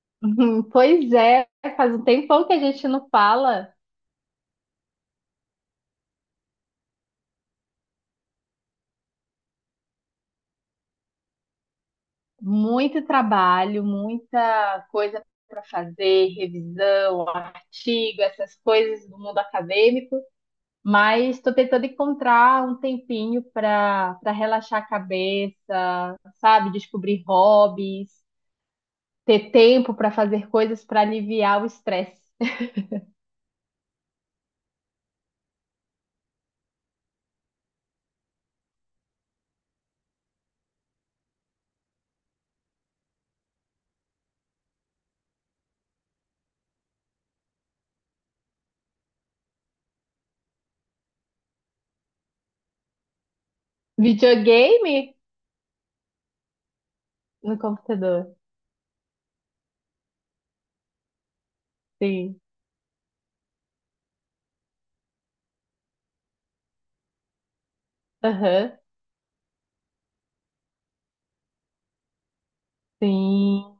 Uhum, pois é, faz um tempão que a gente não fala. Muito trabalho, muita coisa para fazer, revisão, artigo, essas coisas do mundo acadêmico, mas estou tentando encontrar um tempinho para relaxar a cabeça, sabe? Descobrir hobbies, ter tempo para fazer coisas para aliviar o estresse. Videogame no computador, sim. Aham, sim.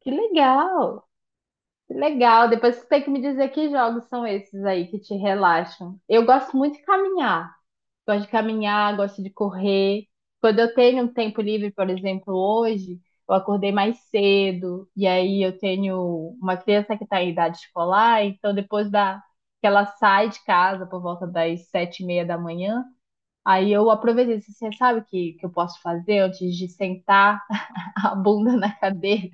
Que legal! Legal, depois você tem que me dizer que jogos são esses aí que te relaxam. Eu gosto muito de caminhar. Gosto de caminhar, gosto de correr. Quando eu tenho um tempo livre, por exemplo, hoje, eu acordei mais cedo, e aí eu tenho uma criança que está em idade escolar, então depois da que ela sai de casa por volta das sete e meia da manhã, aí eu aproveitei, assim, sabe o que, que eu posso fazer antes de sentar a bunda na cadeira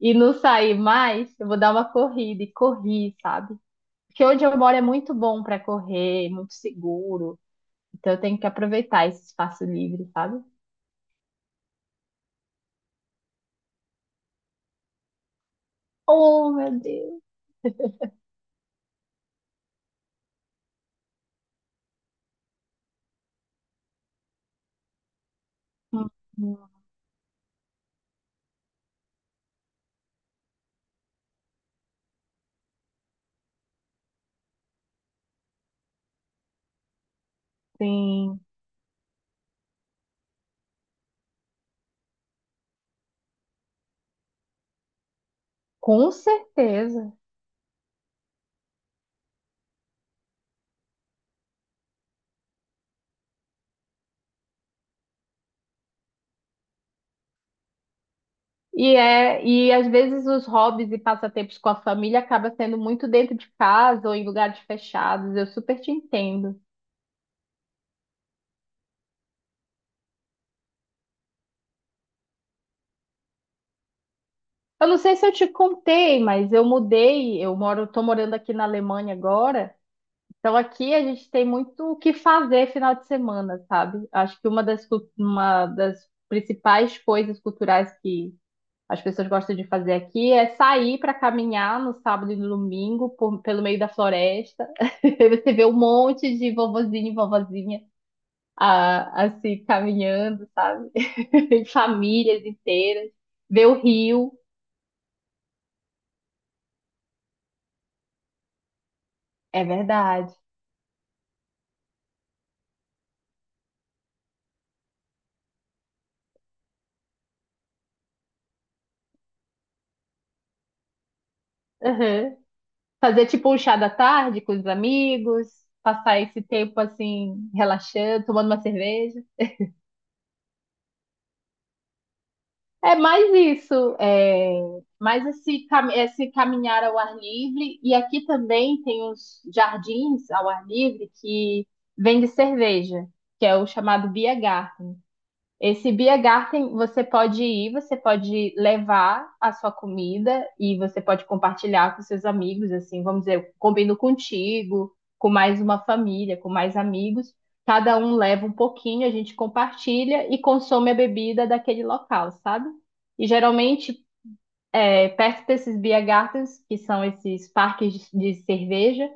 e não sair mais? Eu vou dar uma corrida e corri, sabe? Porque onde eu moro é muito bom para correr, muito seguro. Então eu tenho que aproveitar esse espaço livre, sabe? Oh, meu Deus! Uhum. Sim, com certeza. E é, e às vezes os hobbies e passatempos com a família acaba sendo muito dentro de casa ou em lugares fechados. Eu super te entendo. Eu não sei se eu te contei, mas eu mudei, eu moro, tô morando aqui na Alemanha agora. Então aqui a gente tem muito o que fazer final de semana, sabe? Acho que uma das, uma das principais coisas culturais que as pessoas gostam de fazer aqui é sair para caminhar no sábado e no domingo pelo meio da floresta. Você vê um monte de vovozinho e vovozinha ah, assim caminhando, sabe? Famílias inteiras. Ver o rio. É verdade. Fazer tipo um chá da tarde com os amigos, passar esse tempo assim, relaxando, tomando uma cerveja. É mais isso, é mais esse, esse caminhar ao ar livre. E aqui também tem uns jardins ao ar livre que vende cerveja, que é o chamado BH. Esse Biergarten, você pode ir, você pode levar a sua comida e você pode compartilhar com seus amigos, assim, vamos dizer, eu combino contigo, com mais uma família, com mais amigos. Cada um leva um pouquinho, a gente compartilha e consome a bebida daquele local, sabe? E geralmente, é, perto desses Biergartens, que são esses parques de cerveja,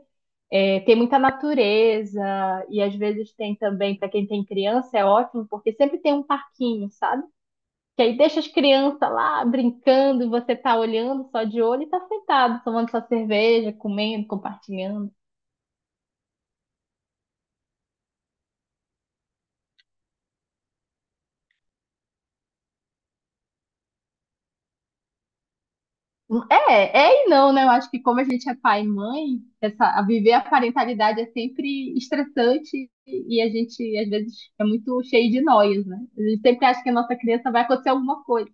é, tem muita natureza e às vezes tem também, para quem tem criança, é ótimo, porque sempre tem um parquinho, sabe? Que aí deixa as crianças lá brincando e você tá olhando só de olho e tá sentado, tomando sua cerveja, comendo, compartilhando. É, é e não, né? Eu acho que como a gente é pai e mãe, essa, a viver a parentalidade é sempre estressante e a gente, às vezes, é muito cheio de noias, né? A gente sempre acha que a nossa criança vai acontecer alguma coisa.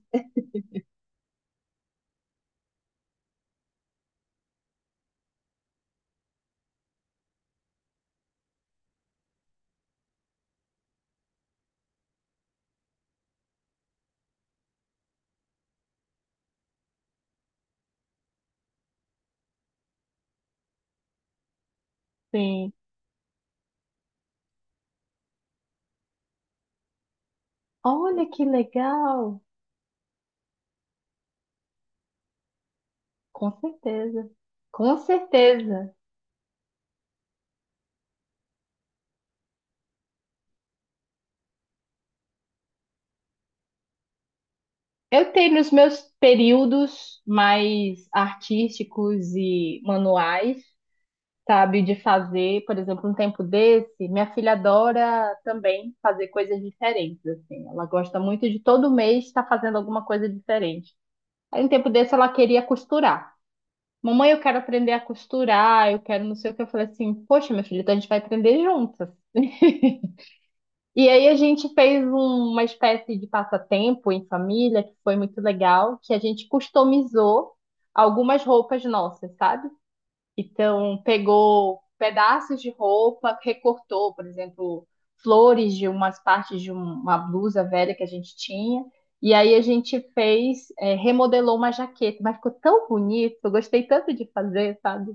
Sim. Olha que legal! Com certeza. Com certeza. Eu tenho os meus períodos mais artísticos e manuais, sabe, de fazer, por exemplo, um tempo desse, minha filha adora também fazer coisas diferentes, assim. Ela gosta muito de todo mês estar fazendo alguma coisa diferente. Aí um tempo desse ela queria costurar. Mamãe, eu quero aprender a costurar, eu quero não sei o que. Eu falei assim, poxa, minha filha, então a gente vai aprender juntas. E aí a gente fez uma espécie de passatempo em família, que foi muito legal, que a gente customizou algumas roupas nossas, sabe? Então, pegou pedaços de roupa, recortou, por exemplo, flores de umas partes de uma blusa velha que a gente tinha. E aí a gente fez, remodelou uma jaqueta, mas ficou tão bonito, eu gostei tanto de fazer, sabe?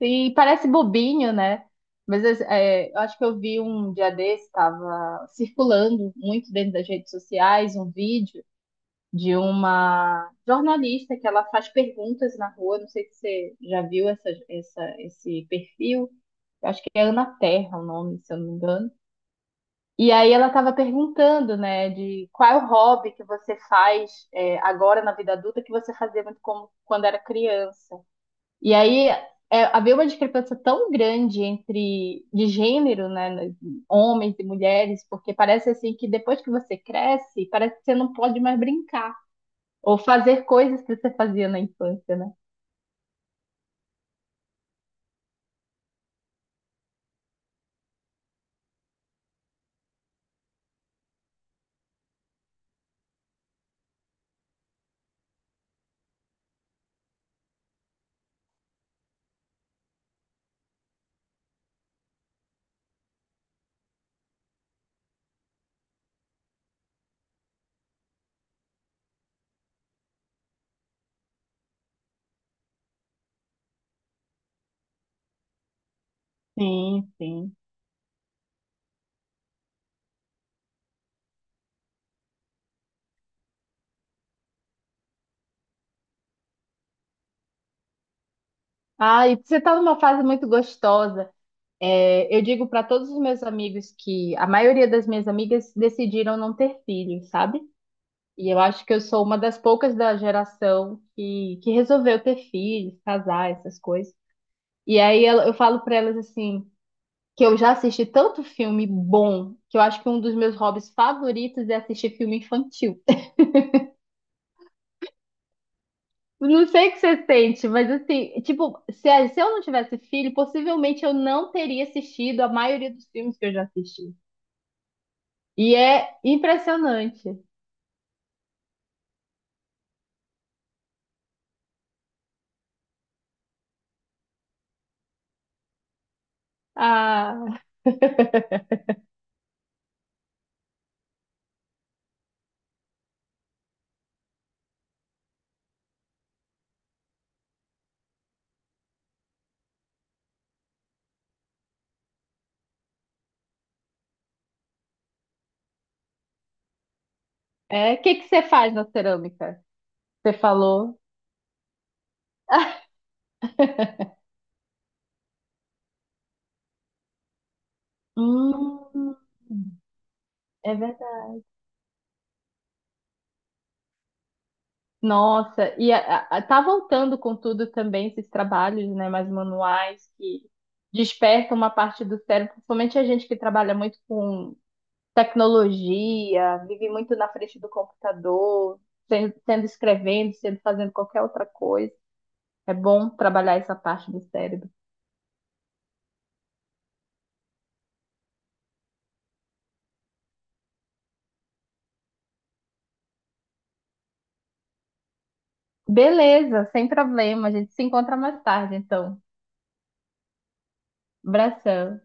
E parece bobinho, né? Mas é, é, eu acho que eu vi um dia desse, estava circulando muito dentro das redes sociais, um vídeo de uma jornalista que ela faz perguntas na rua. Não sei se você já viu essa, essa, esse perfil. Eu acho que é Ana Terra o nome, se eu não me engano. E aí ela estava perguntando, né, de qual é o hobby que você faz agora na vida adulta que você fazia muito como quando era criança. E aí é, havia uma discrepância tão grande entre de gênero, né, homens e mulheres, porque parece assim que depois que você cresce, parece que você não pode mais brincar ou fazer coisas que você fazia na infância, né? Sim, sim. Ah, e você está numa fase muito gostosa. É, eu digo para todos os meus amigos que a maioria das minhas amigas decidiram não ter filhos, sabe? E eu acho que eu sou uma das poucas da geração que resolveu ter filhos, casar, essas coisas. E aí eu falo pra elas assim, que eu já assisti tanto filme bom, que eu acho que um dos meus hobbies favoritos é assistir filme infantil. Não sei o que você sente, mas assim, tipo, se, se eu não tivesse filho, possivelmente eu não teria assistido a maioria dos filmes que eu já assisti. E é impressionante. Ah, é, o que que você faz na cerâmica? Você falou. Hum, é verdade. Nossa, e tá voltando com tudo também esses trabalhos, né, mais manuais que despertam uma parte do cérebro, principalmente a gente que trabalha muito com tecnologia, vive muito na frente do computador, sendo, sendo escrevendo, sendo fazendo qualquer outra coisa. É bom trabalhar essa parte do cérebro. Beleza, sem problema. A gente se encontra mais tarde, então. Abração.